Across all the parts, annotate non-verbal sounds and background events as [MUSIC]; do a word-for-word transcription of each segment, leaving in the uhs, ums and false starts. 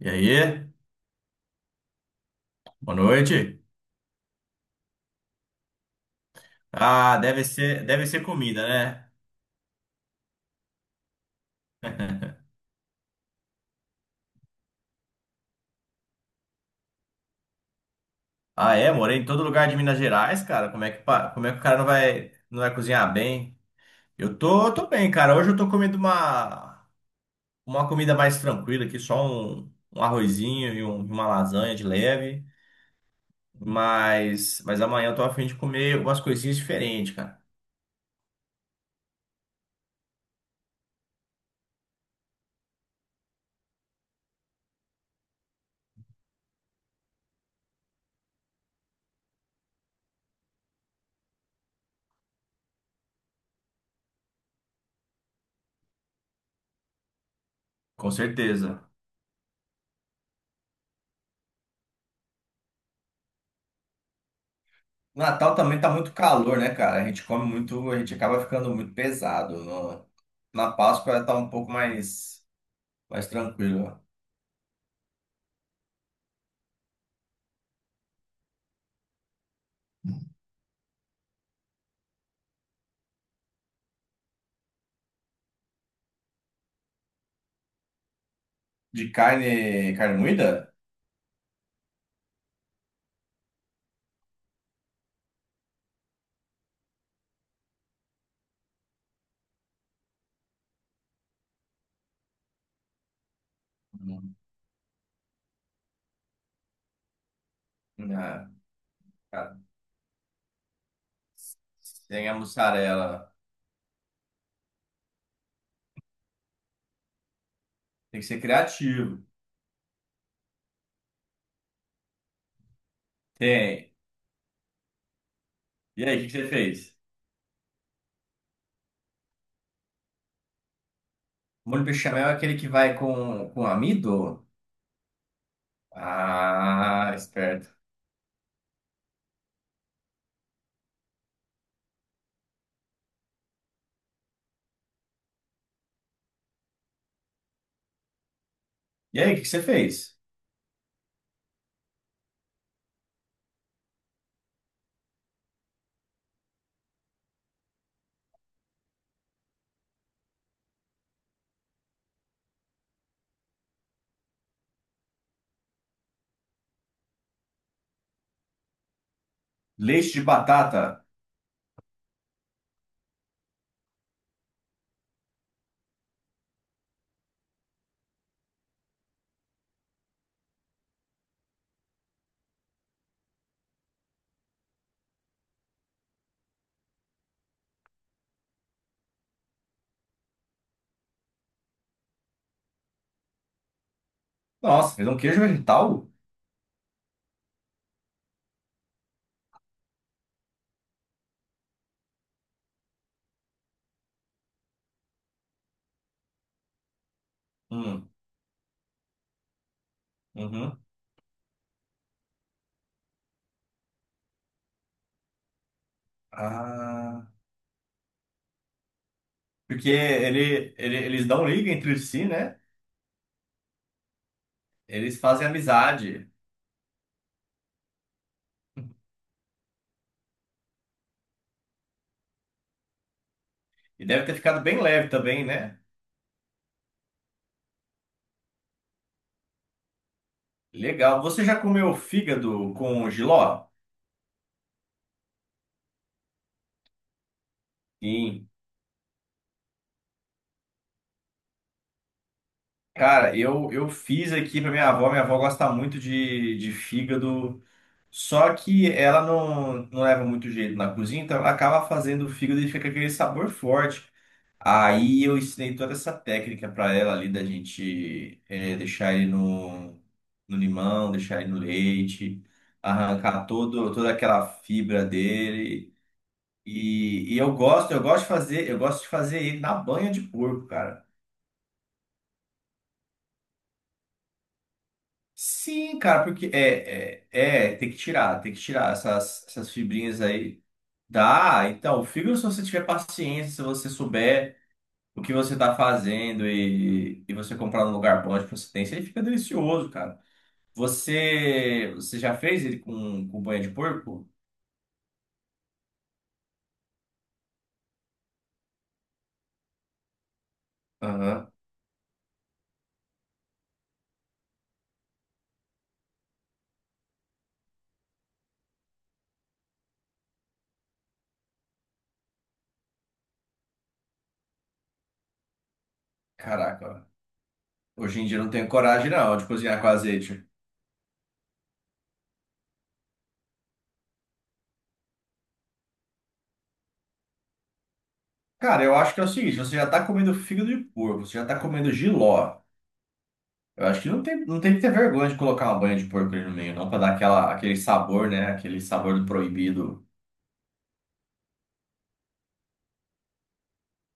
E aí? Boa noite. Ah, deve ser, deve ser comida, né? Ah, é, morei em todo lugar de Minas Gerais, cara. Como é que, pa- como é que o cara não vai, não vai cozinhar bem? Eu tô, tô bem, cara. Hoje eu tô comendo uma, uma comida mais tranquila aqui, só um, um arrozinho e um- uma lasanha de leve. Mas, mas amanhã eu tô a fim de comer umas coisinhas diferentes, cara. Com certeza. Natal também tá muito calor, né, cara? A gente come muito, a gente acaba ficando muito pesado. No- na Páscoa tá um pouco mais, mais tranquilo. De carne, carne moída? Não. Ah, cara, sem a mussarela. Tem que ser criativo. Tem. E aí, o que que você fez? Molho bechamel é aquele que vai com, com amido? Ah, esperto. E aí, o que que você fez? Leite de batata? Nossa, fez um queijo vegetal? Hum, uhum. Ah. Porque ele, ele- eles dão liga entre si, né? Eles fazem amizade. E deve ter ficado bem leve também, né? Legal. Você já comeu fígado com jiló? Sim. Cara, eu, eu fiz aqui pra minha avó. Minha avó gosta muito de, de fígado. Só que ela não, não leva muito jeito na cozinha, então ela acaba fazendo o fígado e fica aquele sabor forte. Aí eu ensinei toda essa técnica para ela ali da gente eh, deixar ele no, no limão, deixar ele no leite, arrancar todo, toda aquela fibra dele. E, e eu gosto, eu gosto de fazer, eu gosto de fazer ele na banha de porco, cara. Sim, cara, porque é, é, é, tem que tirar, tem que tirar essas, essas fibrinhas aí. Dá, então, fibra se você tiver paciência, se você souber. O que você tá fazendo e, e você comprar num lugar bom de procedência, ele fica delicioso, cara. Você, você já fez ele com, com banha de porco? Aham. Caraca, ó. Hoje em dia eu não tenho coragem não de cozinhar com azeite. Cara, eu acho que é o seguinte, você já tá comendo fígado de porco, você já tá comendo jiló. Eu acho que não tem, não tem que ter vergonha de colocar uma banha de porco ali no meio, não, pra dar aquela, aquele sabor, né? Aquele sabor do proibido.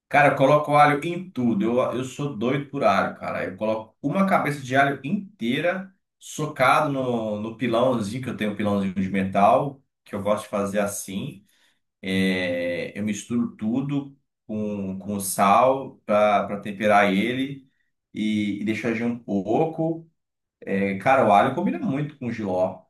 Cara, eu coloco alho em tudo. Eu, eu sou doido por alho, cara. Eu coloco uma cabeça de alho inteira socado no, no pilãozinho, que eu tenho um pilãozinho de metal, que eu gosto de fazer assim. É, eu misturo tudo com, com sal para temperar ele e, e deixo agir um pouco. É, cara, o alho combina muito com jiló.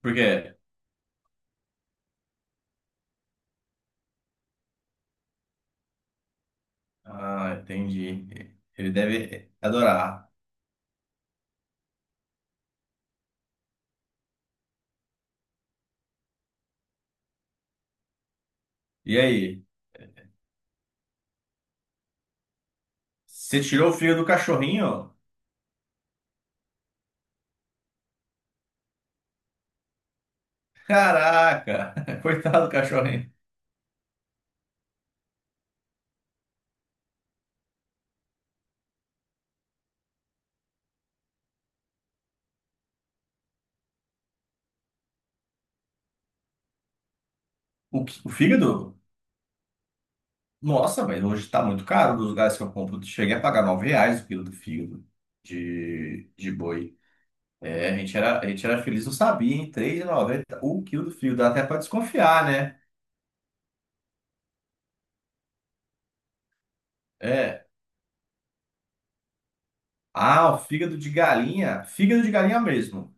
Por quê? Ah, entendi. Ele deve adorar. E aí? Você tirou o fio do cachorrinho? Caraca, [LAUGHS] coitado do cachorrinho. O, qui- o fígado? Nossa, mas hoje tá muito caro dos lugares que eu compro. Cheguei a pagar nove reais o quilo do fígado de, de boi. É, a gente era, a gente era feliz, não sabia, hein? três e noventa o quilo do fígado. Dá até pra desconfiar, né? É. Ah, o fígado de galinha. Fígado de galinha mesmo.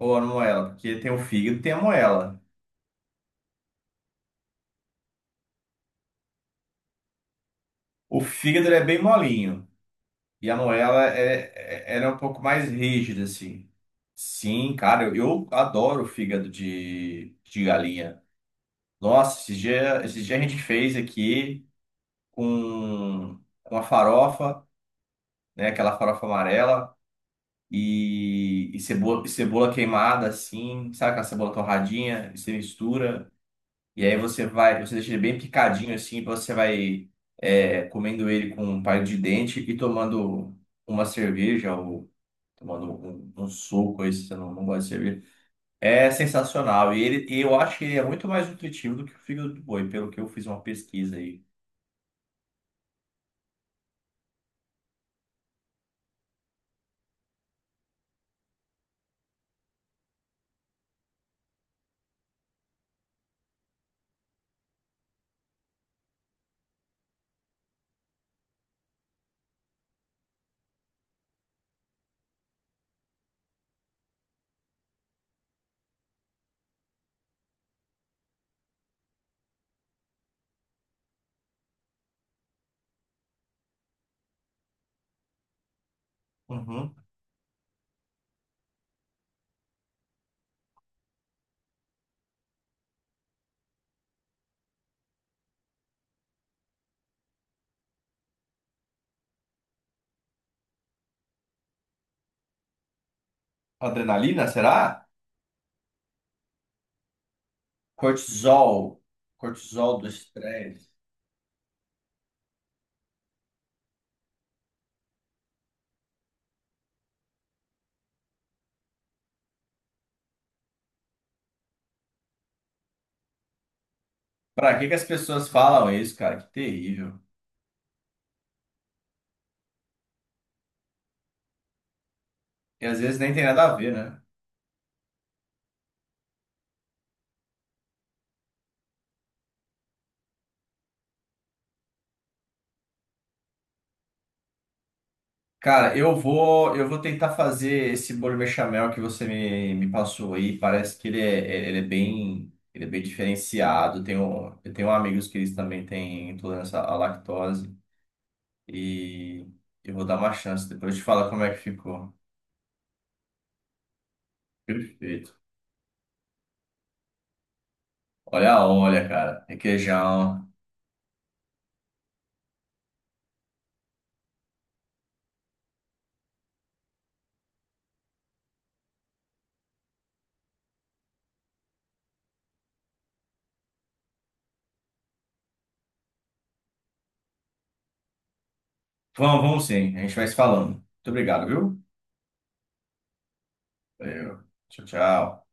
Ou a moela, porque tem o fígado e tem a moela. O fígado ele é bem molinho. E a Noela é, é- era um pouco mais rígida, assim. Sim, cara, eu, eu adoro fígado de, de galinha. Nossa, esse dia, esse dia a gente fez aqui com uma farofa, né? Aquela farofa amarela e, e cebola, e cebola queimada, assim, sabe aquela cebola torradinha? E você mistura e aí você vai, você deixa ele bem picadinho, assim, você vai é, comendo ele com um palito de dente e tomando uma cerveja tomando um, um um suco, aí se você não, não gosta de cerveja. É sensacional. E ele, e eu acho que ele é muito mais nutritivo do que o fígado do boi, pelo que eu fiz uma pesquisa aí. Uhum. Adrenalina, será? Cortisol. Cortisol do estresse. Pra que que as pessoas falam isso, cara? Que terrível. E às vezes nem tem nada a ver, né? Cara, eu vou, eu vou tentar fazer esse bolo bechamel que você me, me passou aí. Parece que ele é, ele é bem, ele é bem diferenciado. Tenho, eu tenho amigos que eles também têm intolerância à lactose e eu vou dar uma chance. Depois eu te falo como é que ficou. Perfeito. Olha, olha, cara, requeijão. Vamos, vamos sim. A gente vai se falando. Muito obrigado, viu? Valeu. Tchau, tchau.